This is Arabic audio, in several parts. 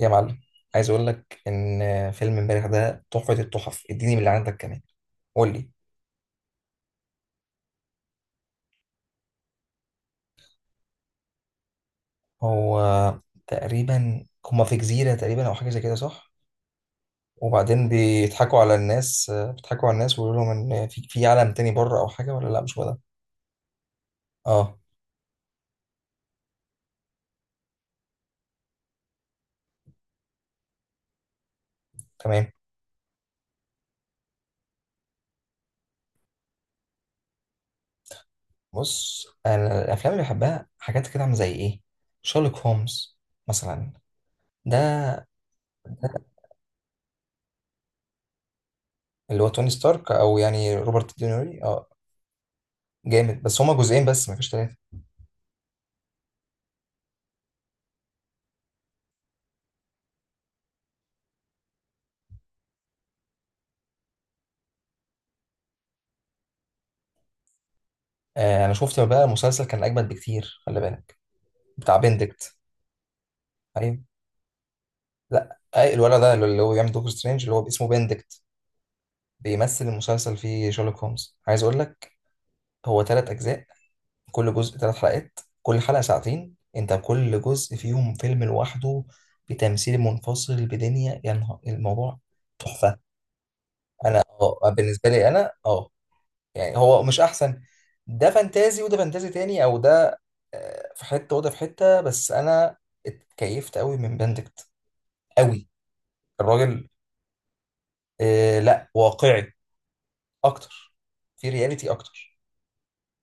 يا معلم، عايز اقول لك ان فيلم امبارح ده تحفة التحف. اديني من اللي عندك كمان. قول لي. هو تقريبا هما في جزيرة تقريبا او حاجة زي كده، صح؟ وبعدين بيضحكوا على الناس، بيضحكوا على الناس ويقولوا لهم ان في عالم تاني بره او حاجة، ولا لا مش هو ده؟ اه، تمام. بص، انا الافلام اللي بحبها حاجات كده عاملة زي ايه؟ شارلوك هومز مثلا، ده اللي هو توني ستارك، او يعني روبرت دينيري، اه. جامد، بس هما جزئين بس، مفيش تلاتة. انا شفت بقى مسلسل كان اجمد بكتير، خلي بالك، بتاع بندكت. ايوه. لا، أي الولد ده اللي هو بيعمل دكتور سترينج اللي هو اسمه بندكت، بيمثل المسلسل فيه شارلوك هومز. عايز اقول لك، هو 3 اجزاء، كل جزء 3 حلقات، كل حلقه ساعتين. انت كل جزء فيهم فيلم لوحده بتمثيل منفصل، بدنيا يا نهار الموضوع. تحفه. انا اه بالنسبه لي انا اه، يعني هو مش احسن. ده فانتازي وده فانتازي تاني، او ده في حته وده في حته، بس انا اتكيفت قوي من بندكت، قوي، الراجل. آه لا، واقعي اكتر، في رياليتي اكتر.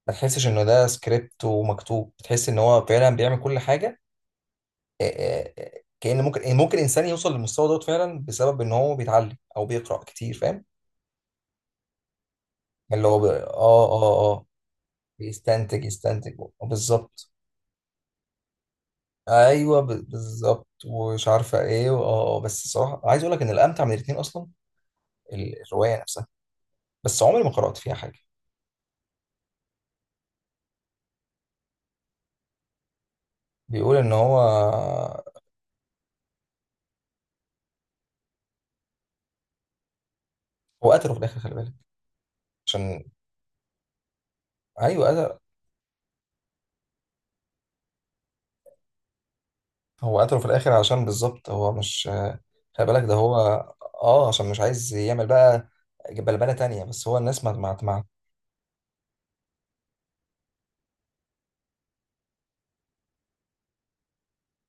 ما تحسش انه ده سكريبت ومكتوب، تحس ان هو فعلا بيعمل كل حاجه. كأن ممكن ممكن انسان يوصل للمستوى دوت فعلا بسبب ان هو بيتعلم او بيقرأ كتير، فاهم؟ اللي هو ب... اه اه اه بيستنتج، يستنتج، بالظبط. ايوه بالظبط، ومش عارفه ايه بس الصراحه عايز اقول لك ان الامتع من الاثنين اصلا الروايه نفسها، بس عمري ما قرات فيها حاجه. بيقول ان هو، هو قتله في الاخر، خلي بالك، عشان. ايوه، قتل. هو قتله في الاخر عشان بالظبط هو مش. خلي بالك ده هو. اه، عشان مش عايز يعمل بقى بلبله تانية، بس هو الناس ما.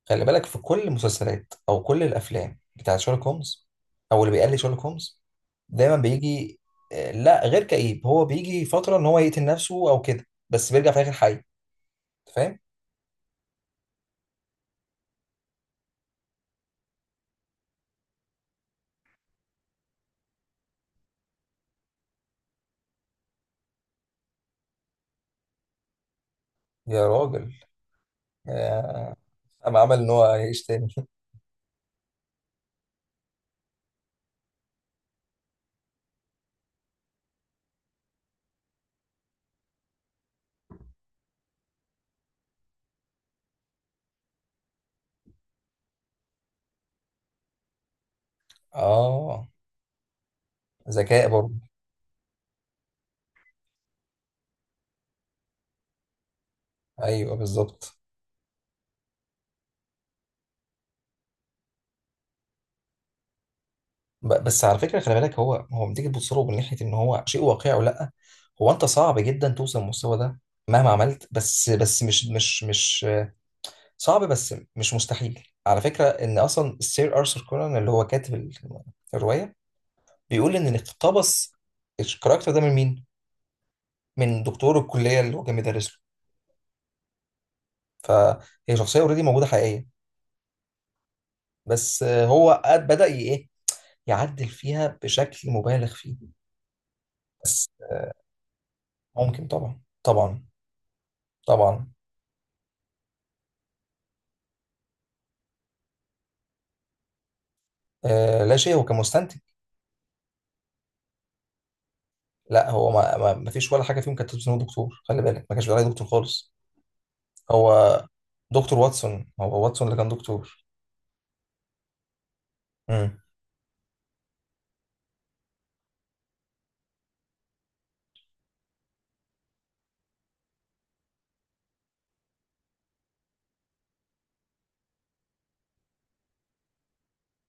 خلي بالك، في كل المسلسلات او كل الافلام بتاعت شارلوك هومز او اللي بيقلد شارلوك هومز، دايما بيجي. لا، غير كئيب، هو بيجي فتره ان هو يقتل نفسه او كده، بس بيرجع في الاخر حي. أنت فاهم؟ يا راجل، يا، اما عمل ان هو يعيش تاني. اه، ذكاء برضه. ايوه، بالظبط. بس على فكره، خلي بالك هو، لما تيجي تبص له من ناحيه ان هو شيء واقعي او لا، هو انت صعب جدا توصل للمستوى ده مهما عملت، بس بس مش صعب، بس مش مستحيل. على فكرة ان اصلا السير ارثر كونان اللي هو كاتب الرواية، بيقول ان اللي اقتبس الكاركتر ده من مين؟ من دكتور الكلية اللي هو كان بيدرس له. فهي شخصية اوريدي موجودة حقيقية، بس هو قد- بدأ ي- ايه يعدل فيها بشكل مبالغ فيه. بس ممكن، طبعا طبعا طبعا. آه لا شيء، هو كان مستنتج. لا، هو ما فيش ولا حاجة فيهم كانت تثبت ان هو دكتور، خلي بالك، ما كانش بيقول عليه دكتور خالص. هو دكتور واتسون، هو واتسون اللي كان دكتور. مم.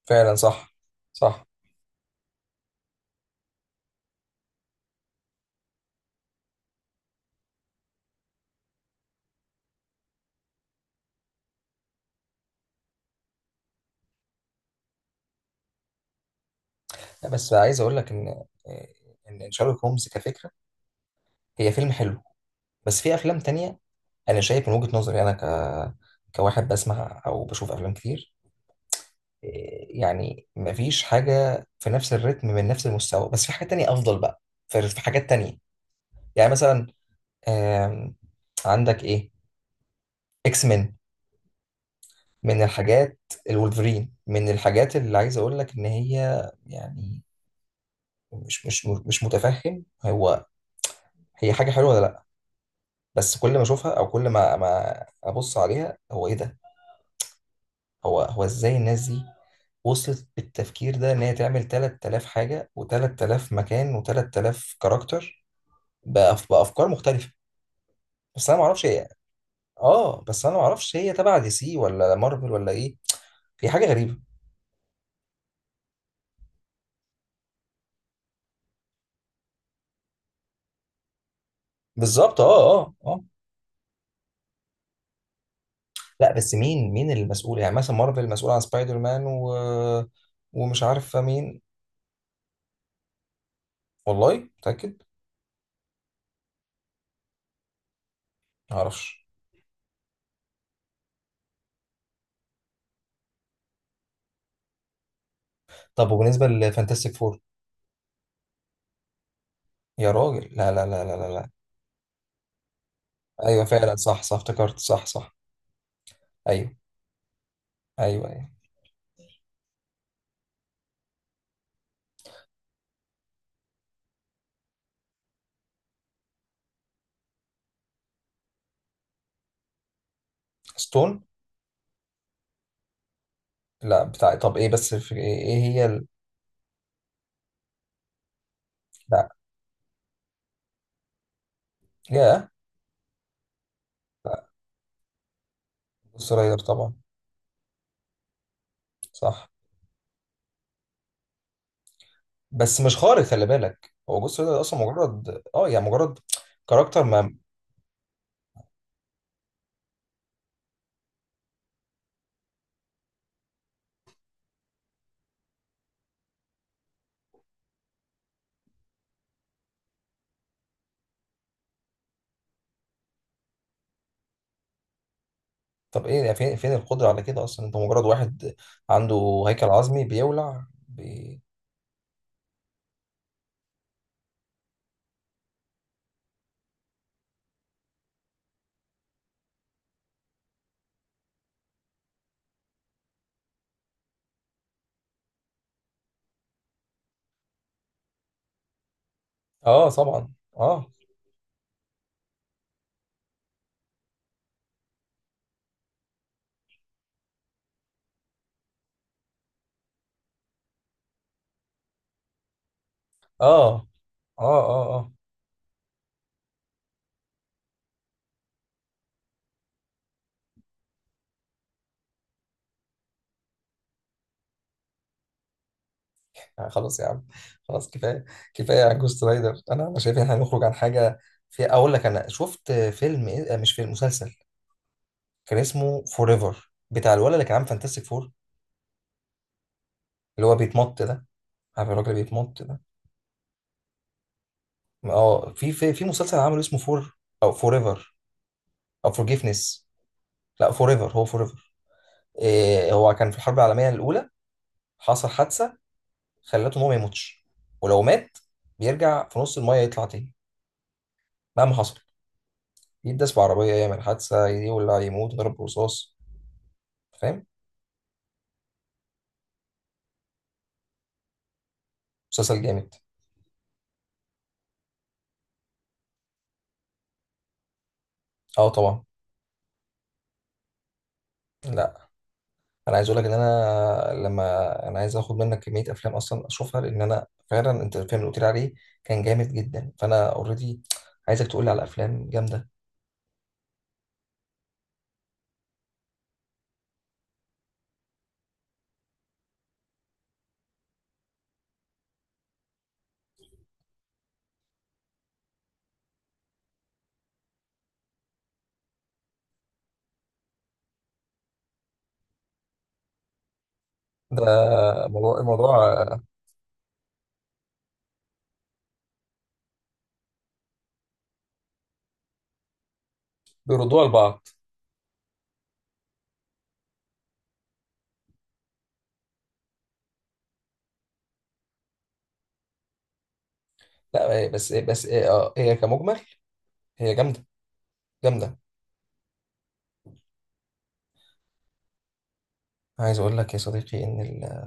فعلا، صح صح. لا، بس عايز اقول لك ان إن شارلوك هومز كفكره، هي فيلم حلو، بس في افلام تانية انا شايف من وجهه نظري انا كواحد بسمع او بشوف افلام كتير، يعني مفيش حاجه في نفس الريتم من نفس المستوى، بس في حاجه تانية افضل بقى، في في حاجات تانية. يعني مثلا، آم، عندك ايه، اكس مان، من الحاجات، الولفرين، من الحاجات اللي عايز اقول لك ان هي، يعني مش متفهم هو هي حاجه حلوه ولا لا. بس كل ما اشوفها او كل ما ابص عليها، هو ايه ده؟ هو ازاي الناس دي وصلت بالتفكير ده ان هي تعمل 3000 حاجه و3000 مكان و3000 كاركتر بافكار مختلفه. بس انا ما اعرفش هي، اه بس انا ما اعرفش هي تبع دي سي ولا مارفل ولا ايه، هي حاجه غريبه. بالظبط، لا بس مين المسؤول؟ يعني مثلا مارفل مسؤول عن سبايدر مان و... ومش عارف مين. والله متاكد؟ ما اعرفش. طب وبالنسبه لفانتاستيك فور؟ يا راجل، لا لا لا لا لا لا. ايوه فعلا، صح صح، افتكرت، صح صح. ايوه ايوه ايوه. ستون. لا، بتاع طب ايه، بس في ايه، إيه هي ال...؟ لا، يا، لا. جوست رايدر، طبعا. صح. بس مش خارق، خلي بالك، هو جوست رايدر اصلا مجرد اه يعني مجرد كاركتر ما. طب ايه يعني؟ فين القدره على كده اصلا؟ انت مجرد واحد عنده هيكل عظمي بيولع بي... اه طبعا، اه اه اه، اه. خلاص يا عم، خلاص كفايه، كفايه عن جوست رايدر. انا انا شايف ان احنا نخرج عن حاجه. في اقول لك، انا شفت فيلم إيه؟ مش فيلم، مسلسل، كان اسمه فور ايفر، بتاع الولد اللي كان عامل فانتاستيك فور، اللي هو بيتمط ده. عارف الراجل اللي بيتمط ده؟ اه، في مسلسل عمله اسمه فور، او فور ايفر، او فورجيفنس. لا فور ايفر، هو فور ايفر. إيه، هو كان في الحرب العالميه الاولى، حصل حادثه خلته ان هو ما يموتش، ولو مات بيرجع في نص المايه يطلع تاني، مهما حصل. يداس بعربية، يعمل حادثة، يولع، يموت، يضرب برصاص. فاهم؟ مسلسل جامد. اه طبعا. لا انا عايز اقول لك ان انا، لما انا عايز اخد منك كمية افلام اصلا اشوفها، لان انا فعلا انت الفيلم اللي قلت لي عليه كان جامد جدا، فانا اوريدي عايزك تقول لي على افلام جامدة. ده موضوع الموضوع. بيردوها لبعض. لا بس بس، هي كمجمل هي جامدة، جامدة. عايز اقول لك يا صديقي ان ال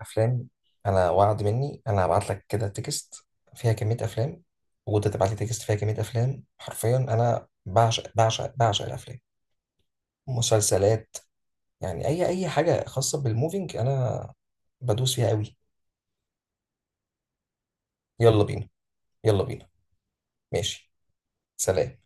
افلام، انا وعد مني انا هبعت لك كده تكست فيها كميه افلام، وانت تبعت لي تكست فيها كميه افلام. حرفيا انا بعشق بعشق بعشق الافلام، مسلسلات، يعني اي اي حاجه خاصه بالموفينج انا بدوس فيها قوي. يلا بينا، يلا بينا. ماشي، سلام.